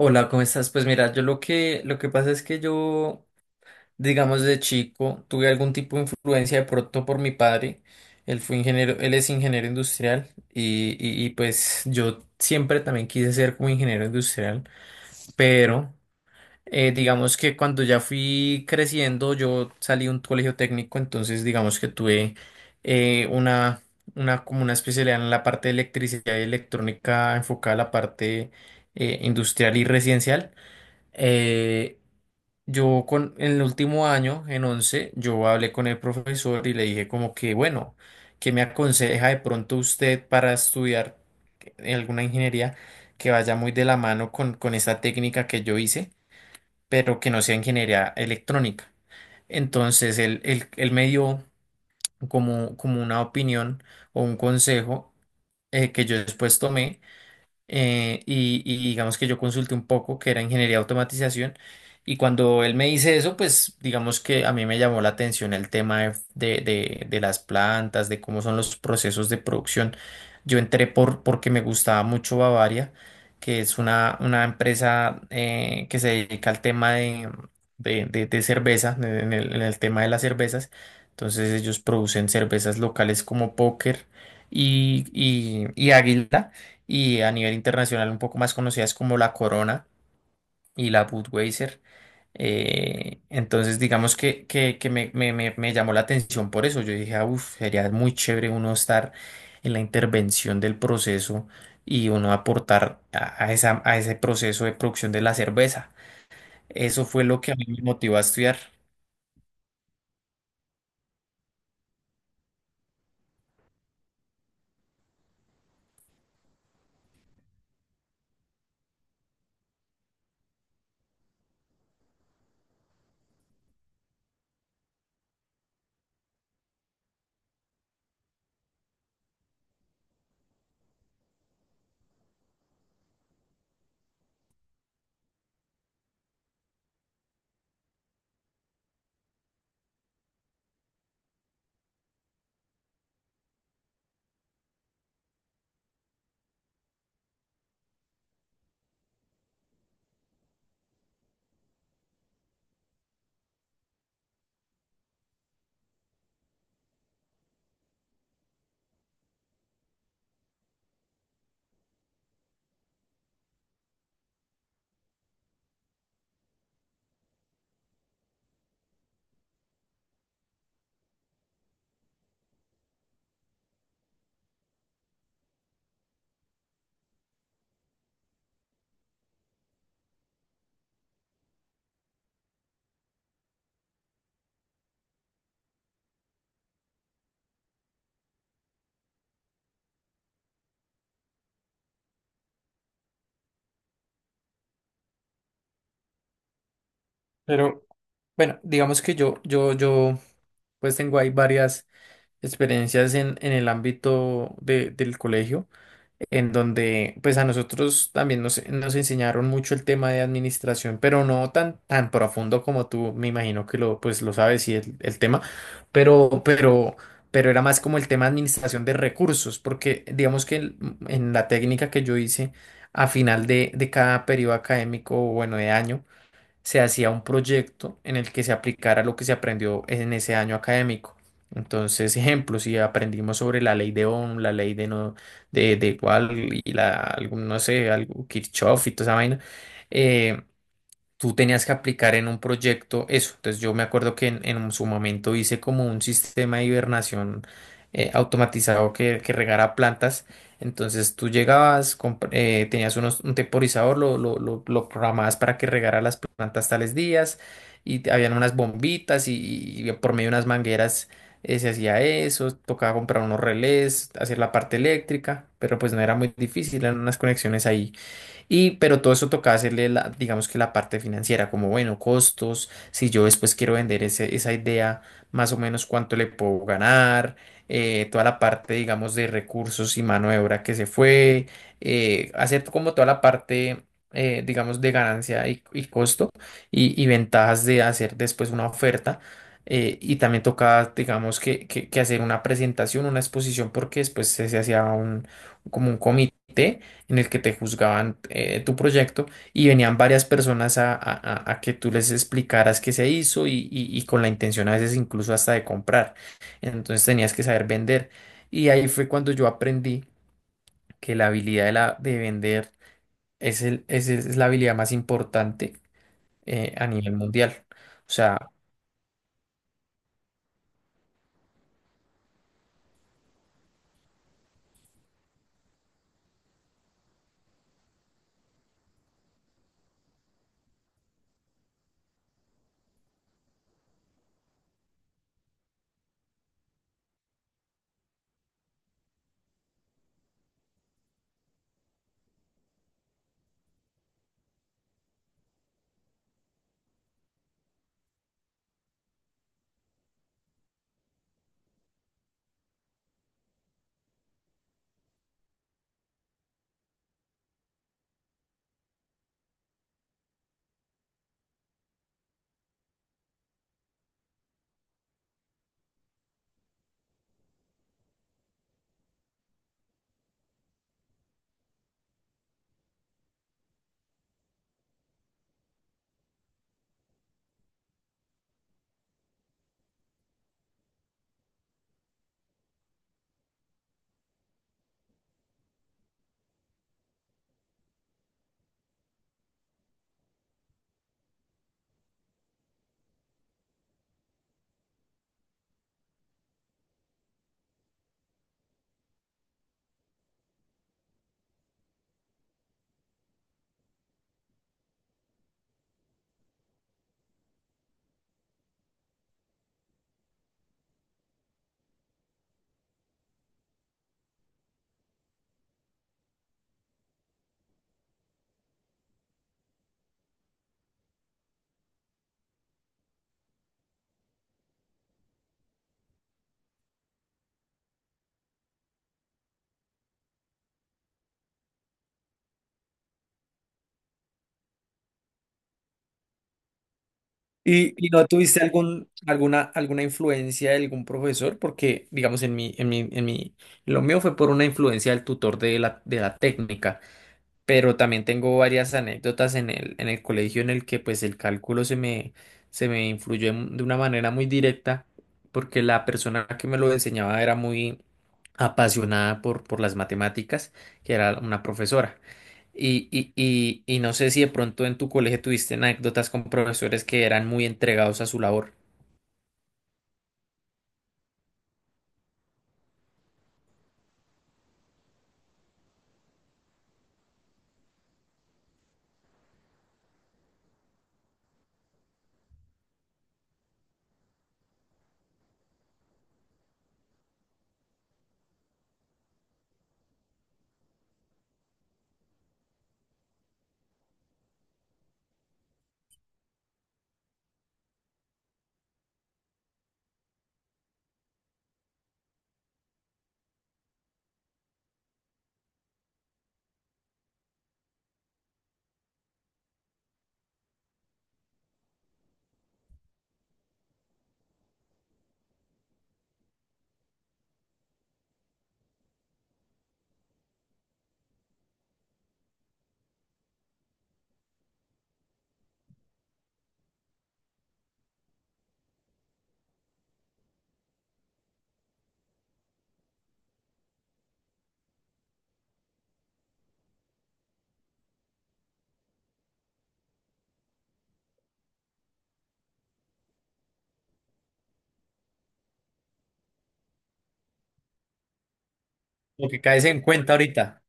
Hola, ¿cómo estás? Pues mira, yo lo que pasa es que yo, digamos, de chico tuve algún tipo de influencia de pronto por mi padre. Él fue ingeniero, él es ingeniero industrial y pues yo siempre también quise ser como ingeniero industrial, pero digamos que cuando ya fui creciendo, yo salí de un colegio técnico, entonces digamos que tuve eh, una, como una especialidad en la parte de electricidad y electrónica enfocada a la parte industrial y residencial. Eh, en el último año, en 11 yo hablé con el profesor y le dije como que, bueno, ¿qué me aconseja de pronto usted para estudiar alguna ingeniería que vaya muy de la mano con esta técnica que yo hice, pero que no sea ingeniería electrónica? Entonces él me dio como una opinión o un consejo, que yo después tomé, y digamos que yo consulté un poco que era ingeniería de automatización, y cuando él me dice eso, pues digamos que a mí me llamó la atención el tema de, de las plantas, de cómo son los procesos de producción. Yo entré por, porque me gustaba mucho Bavaria, que es una empresa, que se dedica al tema de, de cerveza, en el tema de las cervezas. Entonces ellos producen cervezas locales como Póker y, y Águila, y a nivel internacional un poco más conocidas como la Corona y la Budweiser. Entonces, digamos que me, me llamó la atención por eso. Yo dije, uff, sería muy chévere uno estar en la intervención del proceso y uno aportar a esa, a ese proceso de producción de la cerveza. Eso fue lo que a mí me motivó a estudiar. Pero bueno, digamos que yo, pues tengo ahí varias experiencias en el ámbito del colegio, en donde pues a nosotros también nos, nos enseñaron mucho el tema de administración, pero no tan, tan profundo como tú, me imagino que lo, pues, lo sabes, y el tema, pero, pero, pero era más como el tema de administración de recursos, porque digamos que en la técnica que yo hice a final de cada periodo académico, bueno, de año, se hacía un proyecto en el que se aplicara lo que se aprendió en ese año académico. Entonces, ejemplo, si aprendimos sobre la ley de Ohm, la ley de no, de igual y la, algún, no sé, algo, Kirchhoff y toda esa vaina, eh, tú tenías que aplicar en un proyecto eso. Entonces yo me acuerdo que en su momento hice como un sistema de hibernación, automatizado, que regara plantas. Entonces tú llegabas, tenías unos, un temporizador, lo programabas para que regara las plantas tales días y habían unas bombitas, y por medio de unas mangueras se hacía eso, tocaba comprar unos relés, hacer la parte eléctrica, pero pues no era muy difícil, eran unas conexiones ahí y, pero todo eso toca hacerle la, digamos que la parte financiera, como bueno, costos, si yo después quiero vender esa idea, más o menos cuánto le puedo ganar, toda la parte, digamos, de recursos y mano de obra que se fue, hacer como toda la parte, digamos, de ganancia y costo, y ventajas de hacer después una oferta. Y también toca, digamos, que hacer una presentación, una exposición, porque después se, se hacía un, como un comité en el que te juzgaban, tu proyecto, y venían varias personas a, a que tú les explicaras qué se hizo y, y con la intención a veces incluso hasta de comprar. Entonces tenías que saber vender. Y ahí fue cuando yo aprendí que la habilidad de, la, de vender es, el, es la habilidad más importante a nivel mundial. O sea, y, ¿y no tuviste algún, alguna, alguna influencia de algún profesor? Porque, digamos, en mi, en mi, en mi, lo mío fue por una influencia del tutor de la técnica. Pero también tengo varias anécdotas en el colegio en el que pues el cálculo se me influyó de una manera muy directa, porque la persona que me lo enseñaba era muy apasionada por las matemáticas, que era una profesora. Y no sé si de pronto en tu colegio tuviste anécdotas con profesores que eran muy entregados a su labor. Lo que caes en cuenta ahorita.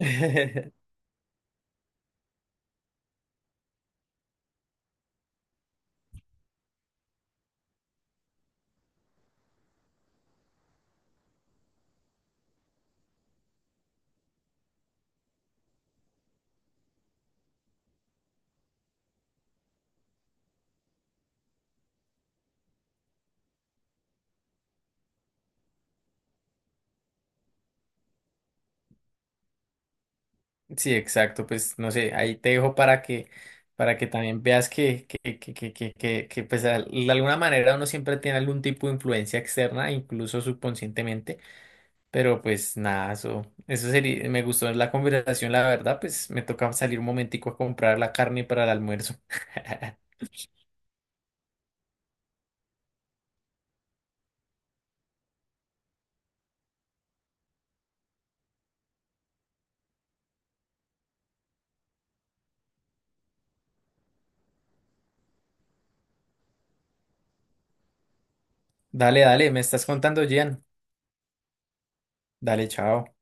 Sí, exacto, pues no sé, ahí te dejo para que también veas que, pues de alguna manera uno siempre tiene algún tipo de influencia externa, incluso subconscientemente, pero pues nada, eso sería, me gustó la conversación, la verdad, pues me toca salir un momentico a comprar la carne para el almuerzo. Dale, dale, me estás contando, Gian. Dale, chao.